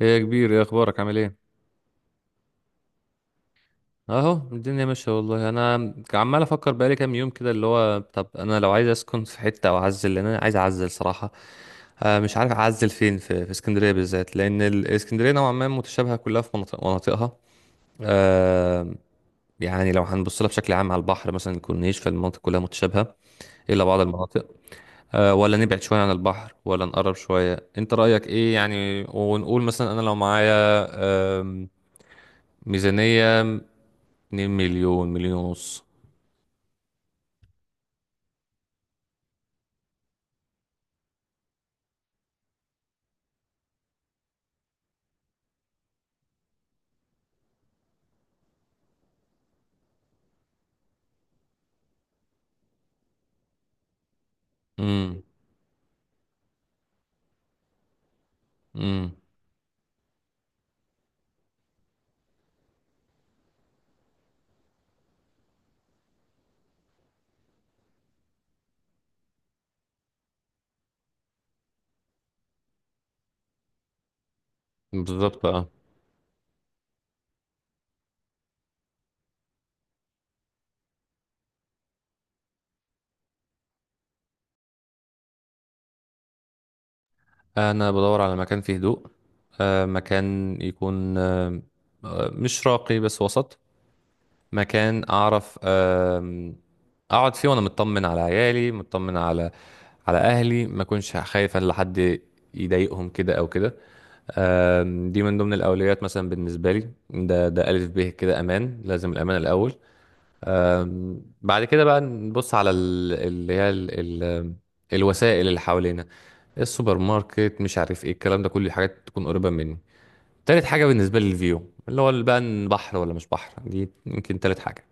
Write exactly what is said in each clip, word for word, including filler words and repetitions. ايه يا كبير، ايه اخبارك؟ عامل ايه؟ اهو الدنيا ماشيه. والله انا عمال افكر بقالي كام يوم كده، اللي هو طب انا لو عايز اسكن في حته او اعزل، لان انا عايز اعزل صراحه. آه، مش عارف اعزل فين في في اسكندريه بالذات، لان ال- اسكندريه نوعا ما متشابهه كلها، في مناطق مناطقها. آه، يعني لو هنبص لها بشكل عام على البحر، مثلا الكورنيش، فالمناطق كلها متشابهه الا بعض المناطق. آه، ولا نبعد شويه عن البحر ولا نقرب شويه، انت رايك ايه يعني؟ ونقول مثلا انا لو معايا آم، ميزانيه 2 مليون، مليون ونص. امم. امم. بالظبط. اه. انا بدور على مكان فيه هدوء، آه مكان يكون آه آه، مش راقي بس وسط، مكان اعرف آه اقعد فيه وانا مطمن على عيالي، مطمن على على اهلي، ما اكونش خايف ان حد يضايقهم كده او كده. آم، دي من ضمن الاولويات مثلا بالنسبه لي، ده ده الف ب كده، امان، لازم الامان الاول. بعد كده بقى نبص على ال- اللي هي ال... ال... الوسائل اللي حوالينا، السوبر ماركت، مش عارف ايه الكلام ده، كل حاجات تكون قريبة مني. تالت حاجة بالنسبة لي الفيو، اللي هو بقى إن بحر ولا مش بحر، دي يمكن تالت حاجة.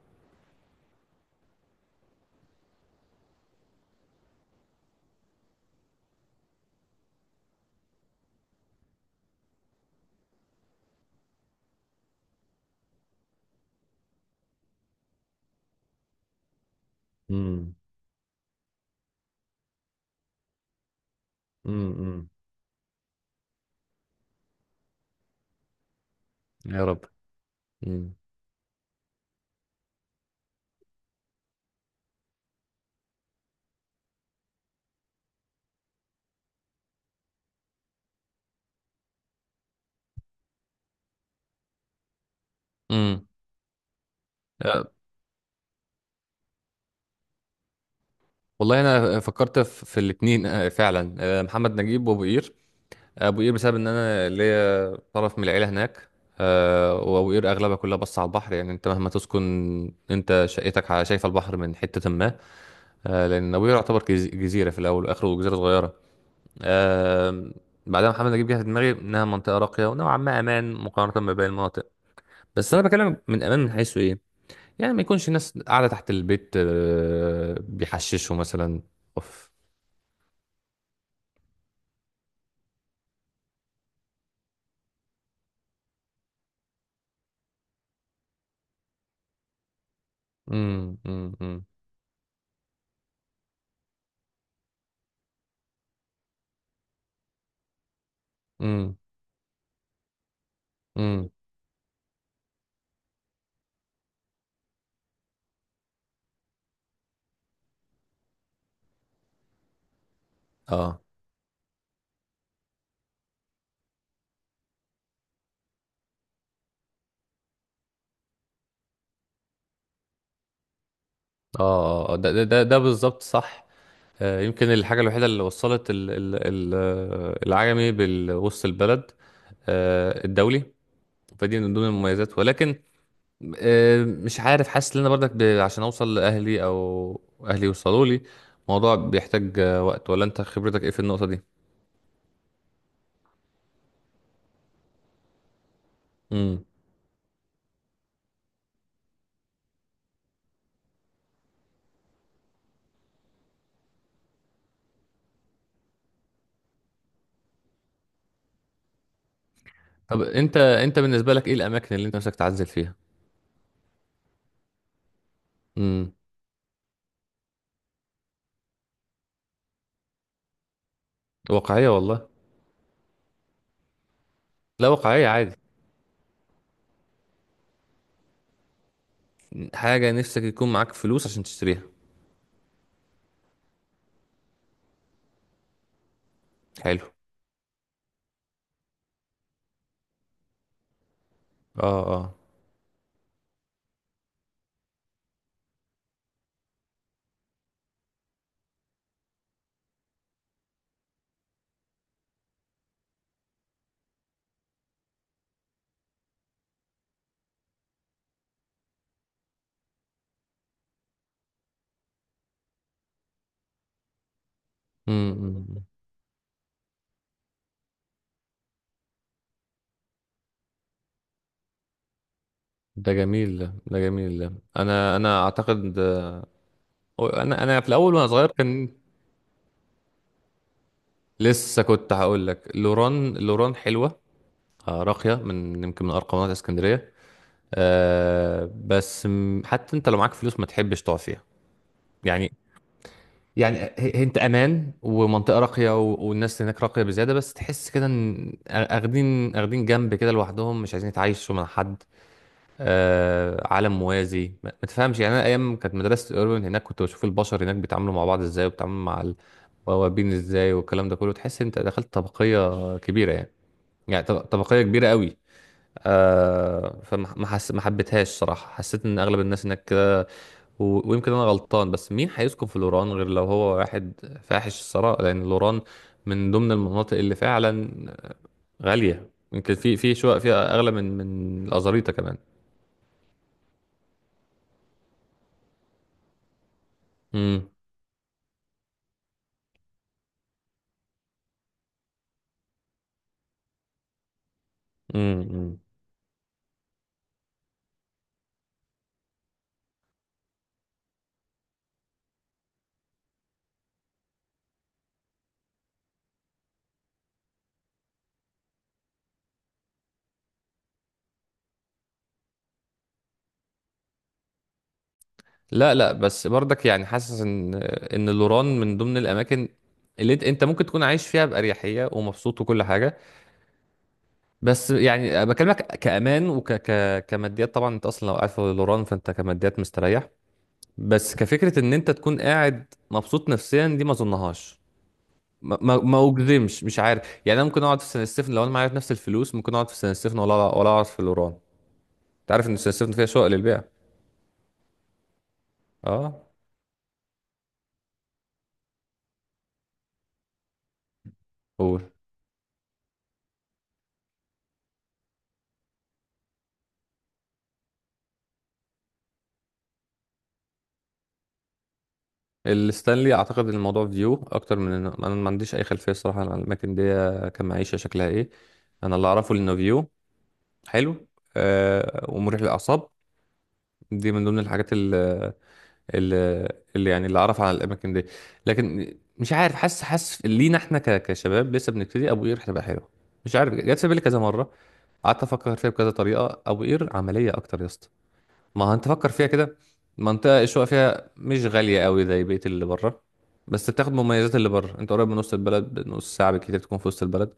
امم. امم. يا رب. امم. امم. والله انا فكرت في في الاتنين، آه، فعلا، آه، محمد نجيب وابو قير. ابو قير بسبب ان انا ليا طرف من العيله هناك. آه، وابو قير اغلبها كلها بص على البحر، يعني انت مهما تسكن، انت شقتك ع- شايفه البحر من حته ما. آه، لان ابو قير يعتبر جز- جزيره في الاول واخره، جزيره صغيره. آه، بعدها محمد نجيب جه في دماغي انها منطقه راقيه ونوعا ما امان مقارنه بباقي المناطق، بس انا بكلم من امان من حيث ايه؟ يعني ما يكونش الناس قاعده تحت البيت آه، بيحششوا مثلا. اوف. امم. امم. امم. امم. اه. اه. آه، آه. ده ده ده, ده بالظبط صح. آه، يمكن الحاجة الوحيدة اللي وصلت ال ال ال آه، العجمي بوسط البلد، آه، الدولي، فدي من ضمن المميزات. ولكن آه، مش عارف، حاسس ان انا برضك ب- عشان اوصل لاهلي او اهلي يوصلوا لي، الموضوع بيحتاج آه، وقت، ولا انت خبرتك ايه في النقطة دي؟ امم. طب انت انت بالنسبة لك ايه الاماكن اللي انت نفسك تعزل فيها؟ امم. واقعية والله. لا، واقعية عادي. حاجة نفسك يكون معاك فلوس عشان تشتريها. حلو. اه. اه. امم. إمم، إمم. ده جميل، ده ده جميل، ده انا انا اعتقد انا انا في الاول وانا صغير كان. لسه كنت هقول لك لوران، لوران حلوه. آه، راقيه، من يمكن من ارقامات اسكندريه. آه بس م- حتى انت لو معاك فلوس ما تحبش تقعد فيها. يعني يعني هي- هي انت امان ومنطقه راقيه، و- والناس هناك راقيه بزياده، بس تحس كده ان اخدين اخدين جنب كده لوحدهم، مش عايزين يتعايشوا مع حد. آه، عالم موازي، ما ما تفهمش يعني. انا ايام كانت مدرسه الاوربن هناك كنت بشوف البشر هناك بيتعاملوا مع بعض ازاي، وبيتعاملوا مع البوابين ازاي والكلام ده كله، تحس انت دخلت طبقيه كبيره، يعني يعني طب- طبقيه كبيره قوي. آه فما ما حس... ما حبيتهاش صراحه، حسيت ان اغلب الناس هناك كده. و... ويمكن انا غلطان، بس مين هيسكن في لوران غير لو هو واحد فاحش الثراء؟ لان لوران من ضمن المناطق اللي فعلا غاليه، يمكن في في شقق فيها اغلى من من الازاريطه كمان. امم. امم. لا لا، بس برضك يعني حاسس ان ان لوران من ضمن الاماكن اللي انت انت ممكن تكون عايش فيها باريحيه ومبسوط وكل حاجه، بس يعني بكلمك كامان، وك ك كماديات طبعا. انت اصلا لو قاعد في لوران فانت كماديات مستريح، بس كفكره ان انت تكون قاعد مبسوط نفسيا دي ما اظنهاش. ما ما ما اجزمش، مش عارف يعني. انا ممكن اقعد في سان ستيفن، لو انا معايا نفس الفلوس ممكن اقعد في سان ستيفن ولا ولا اقعد في لوران. انت عارف ان سان ستيفن فيها شقق للبيع. اه. قول. الستانلي اعتقد إن الموضوع فيو اكتر من إنه- انا ما عنديش اي خلفيه الصراحه عن الاماكن دي كمعيشه شكلها ايه. انا اللي اعرفه انه فيو حلو، آه ومريح للاعصاب، دي من ضمن الحاجات اللي, اللي يعني اللي اعرف عن الاماكن دي. لكن مش عارف، حاسس، حاسس لينا احنا ك- كشباب لسه بنبتدي ابو قير هتبقى حلوه. مش عارف، جت في بالي كذا مره، قعدت افكر فيها بكذا طريقه. ابو قير عمليه اكتر يا اسطى، ما انت فكر فيها كده. منطقة الشقق فيها مش غالية قوي زي بقية اللي بره، بس بتاخد مميزات اللي بره، انت قريب من وسط البلد، بنص ساعة بالكتير تكون في وسط البلد.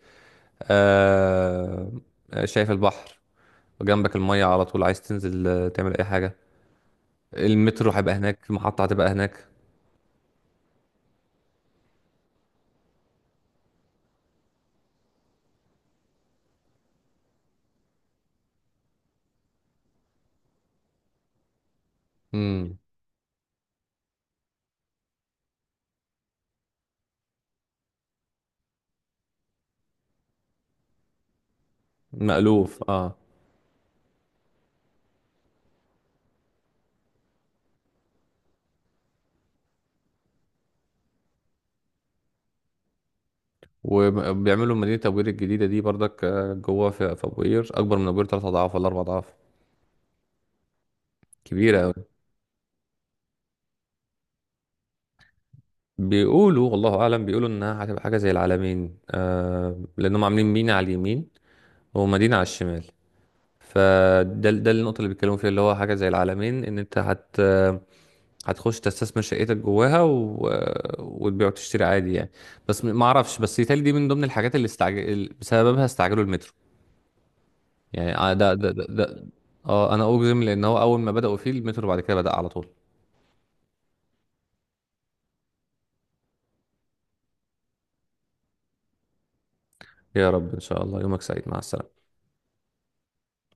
آه... شايف البحر، وجنبك المية على طول، عايز تنزل آه، تعمل أي حاجة. المترو هيبقى هناك، المحطة هتبقى هناك. مم. مألوف. اه. وبيعملوا مدينة أبو قير الجديدة دي برضك، آه، جوه في في أبو قير، أكبر من أبو قير تلات أضعاف ولا أربع أضعاف. كبيرة أوي. بيقولوا، والله اعلم، بيقولوا انها هتبقى حاجه زي العلمين، آه لانهم عاملين مينا على اليمين ومدينه على الشمال. فده ده النقطه اللي بيتكلموا فيها، اللي هو حاجه زي العلمين، ان انت هت هتخش تستثمر شقتك جواها و... وتبيع وتشتري عادي يعني. بس ما اعرفش، بس يتهيألي دي من ضمن الحاجات اللي استعجل بسببها، استعجلوا المترو. يعني آه، ده ده ده, ده. اه انا اجزم لان هو اول ما بدأوا فيه المترو بعد كده بدأ على طول. يا رب ان شاء الله. يومك سعيد، مع السلامه.